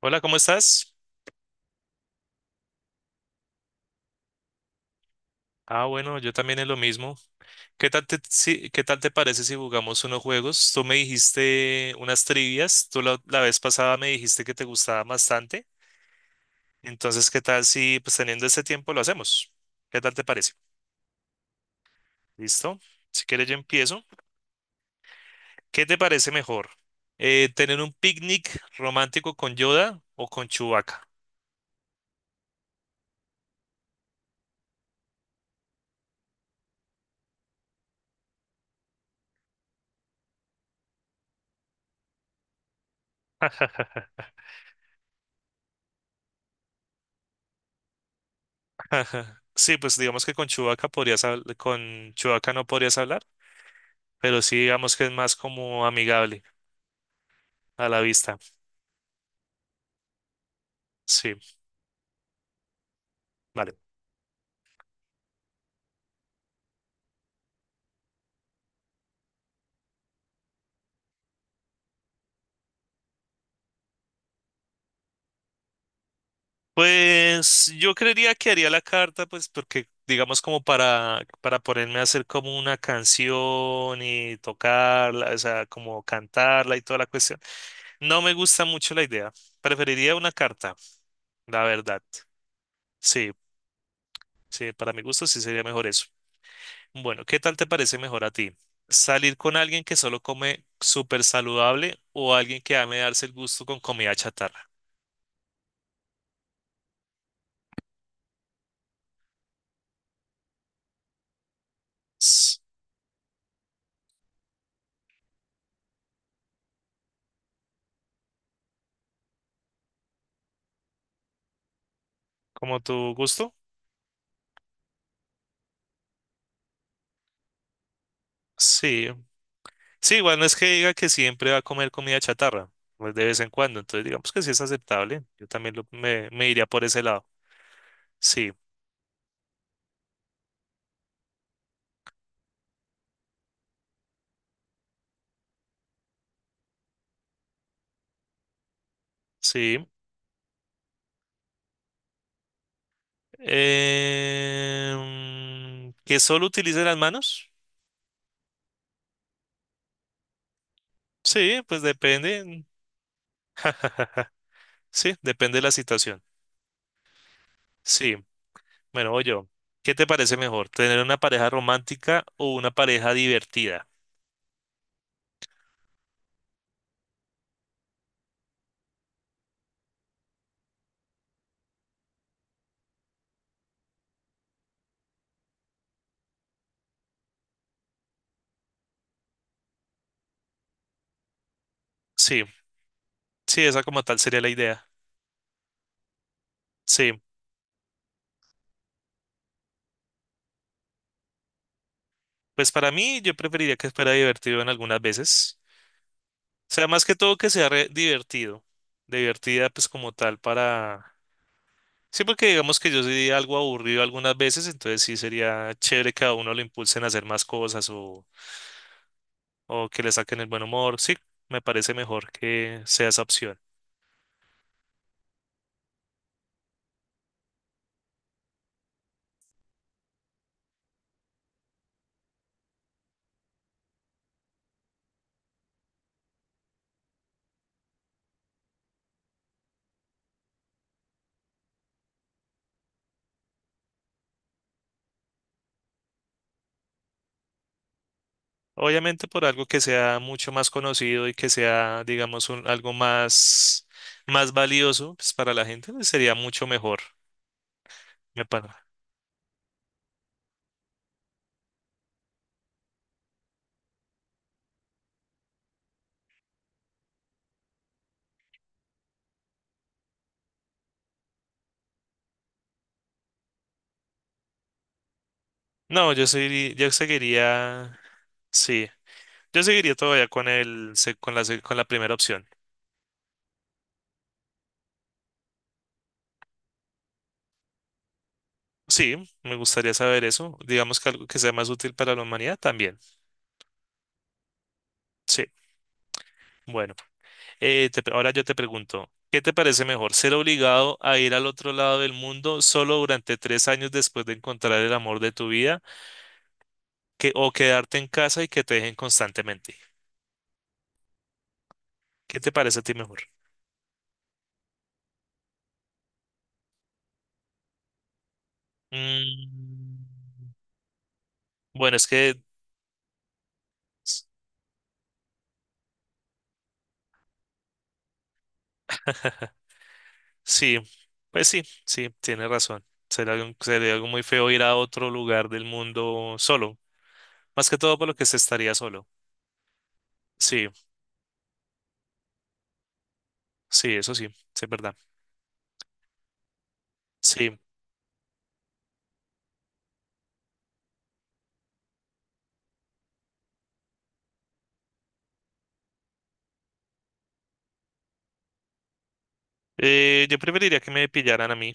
Hola, ¿cómo estás? Ah, bueno, yo también es lo mismo. ¿Qué tal te parece si jugamos unos juegos? Tú me dijiste unas trivias, tú la vez pasada me dijiste que te gustaba bastante. Entonces, ¿qué tal si pues teniendo este tiempo lo hacemos? ¿Qué tal te parece? ¿Listo? Si quieres yo empiezo. ¿Qué te parece mejor? ¿Tener un picnic romántico con Yoda o con Chewbacca? Sí, pues digamos que con con Chewbacca no podrías hablar, pero sí digamos que es más como amigable a la vista. Sí, vale. Pues yo creería que haría la carta, pues porque digamos como para ponerme a hacer como una canción y tocarla, o sea, como cantarla y toda la cuestión. No me gusta mucho la idea. Preferiría una carta, la verdad. Sí, sí, para mi gusto sí sería mejor eso. Bueno, ¿qué tal te parece mejor a ti? ¿Salir con alguien que solo come súper saludable o alguien que ame darse el gusto con comida chatarra? S- ¿Como tu gusto? Sí. Sí, igual no es que diga que siempre va a comer comida chatarra, pues de vez en cuando, entonces digamos que sí es aceptable. Yo también me iría por ese lado. Sí, sí. ¿Que solo utilice las manos? Sí, pues depende. Sí, depende de la situación. Sí, bueno, oye, ¿qué te parece mejor? ¿Tener una pareja romántica o una pareja divertida? Sí, sí, esa como tal sería la idea. Sí, pues para mí yo preferiría que fuera divertido en algunas veces. O sea, más que todo que sea divertido. Divertida pues como tal para. Sí, porque digamos que yo soy algo aburrido algunas veces, entonces sí sería chévere que a uno lo impulsen a hacer más cosas o que le saquen el buen humor. Sí, me parece mejor que sea esa opción. Obviamente por algo que sea mucho más conocido y que sea, digamos, algo más valioso pues, para la gente, pues, sería mucho mejor. Me para. No, sí, yo seguiría todavía con el, se- con la primera opción. Sí, me gustaría saber eso. Digamos que algo que sea más útil para la humanidad también. Sí, bueno. Te Ahora yo te pregunto, ¿qué te parece mejor? ¿Ser obligado a ir al otro lado del mundo solo durante 3 años después de encontrar el amor de tu vida que, o quedarte en casa y que te dejen constantemente? ¿Qué te parece a ti mejor? Mm, bueno, es que s- sí, pues sí, sí, tienes razón. Sería algo muy feo ir a otro lugar del mundo solo, más que todo por lo que se estaría solo. Sí, sí, eso sí es verdad. Sí, yo preferiría que me pillaran a mí.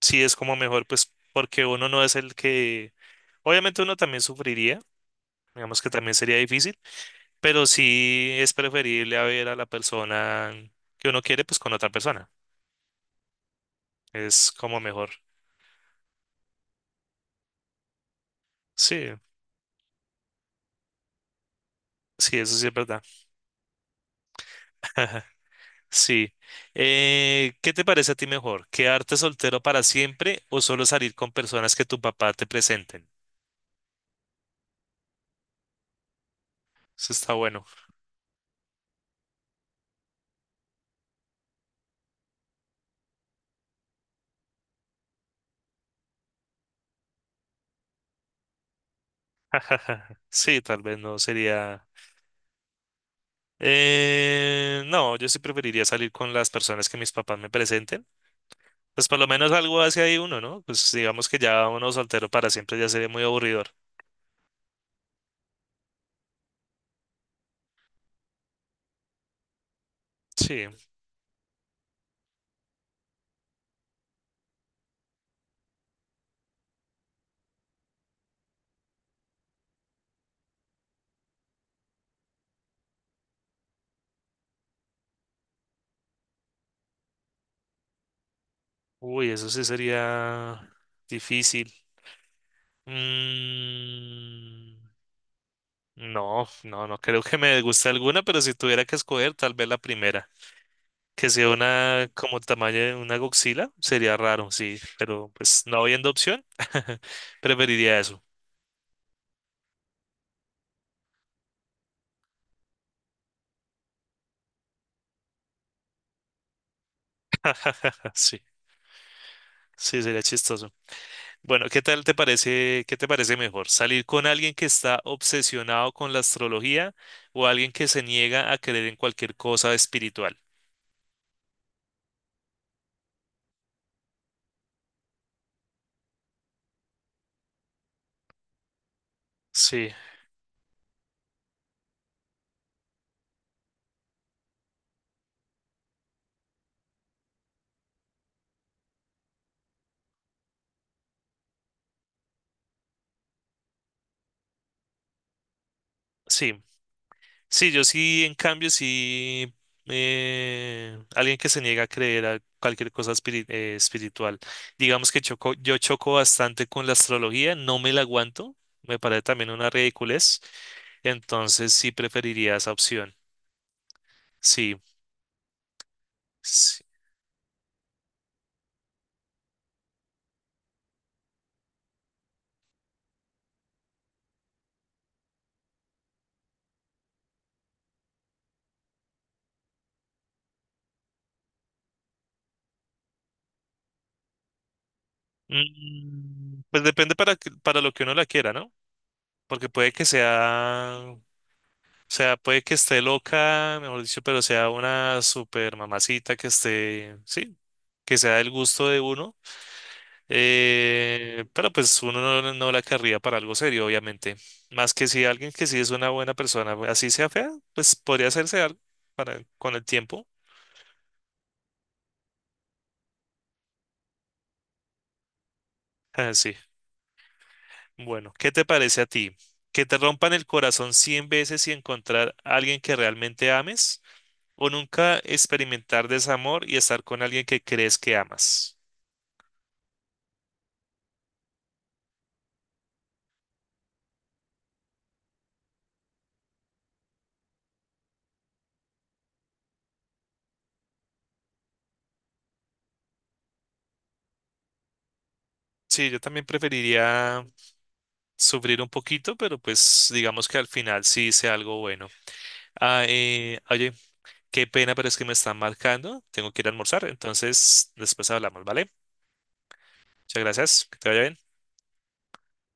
Sí es como mejor, pues porque uno no es el que, obviamente uno también sufriría, digamos que también sería difícil, pero sí es preferible a ver a la persona que uno quiere, pues con otra persona. Es como mejor. Sí, sí, eso sí es verdad. Sí. ¿Qué te parece a ti mejor? ¿Quedarte soltero para siempre o solo salir con personas que tu papá te presenten? Eso está bueno. Sí, tal vez no sería. No, yo sí preferiría salir con las personas que mis papás me presenten. Pues por lo menos algo hace ahí uno, ¿no? Pues digamos que ya uno soltero para siempre ya sería muy aburridor. Sí. Uy, eso sí sería difícil. Mm, no, no, no creo que me guste alguna, pero si tuviera que escoger, tal vez la primera. Que sea una como tamaño de una goxila, sería raro, sí, pero pues no habiendo opción, preferiría eso. Ah, sí, sí, sería chistoso. Bueno, ¿ qué te parece mejor? ¿Salir con alguien que está obsesionado con la astrología o alguien que se niega a creer en cualquier cosa espiritual? Sí, sí, sí, yo sí, en cambio, sí, alguien que se niega a creer a cualquier cosa espiritual. Digamos que choco, yo choco bastante con la astrología, no me la aguanto, me parece también una ridiculez, entonces sí preferiría esa opción. Sí. Sí. Pues depende para lo que uno la quiera, ¿no? Porque puede que sea, o sea, puede que esté loca, mejor dicho, pero sea una super mamacita que esté, sí, que sea del gusto de uno. Pero pues uno no la querría para algo serio, obviamente. Más que si alguien que sí es una buena persona, así sea fea, pues podría hacerse algo para, con el tiempo. Ah, sí. Bueno, ¿qué te parece a ti? ¿Que te rompan el corazón 100 veces y encontrar a alguien que realmente ames? ¿O nunca experimentar desamor y estar con alguien que crees que amas? Sí, yo también preferiría sufrir un poquito, pero pues digamos que al final sí hice algo bueno. Ah, oye, qué pena, pero es que me están marcando. Tengo que ir a almorzar, entonces después hablamos, ¿vale? Muchas gracias, que te vaya bien.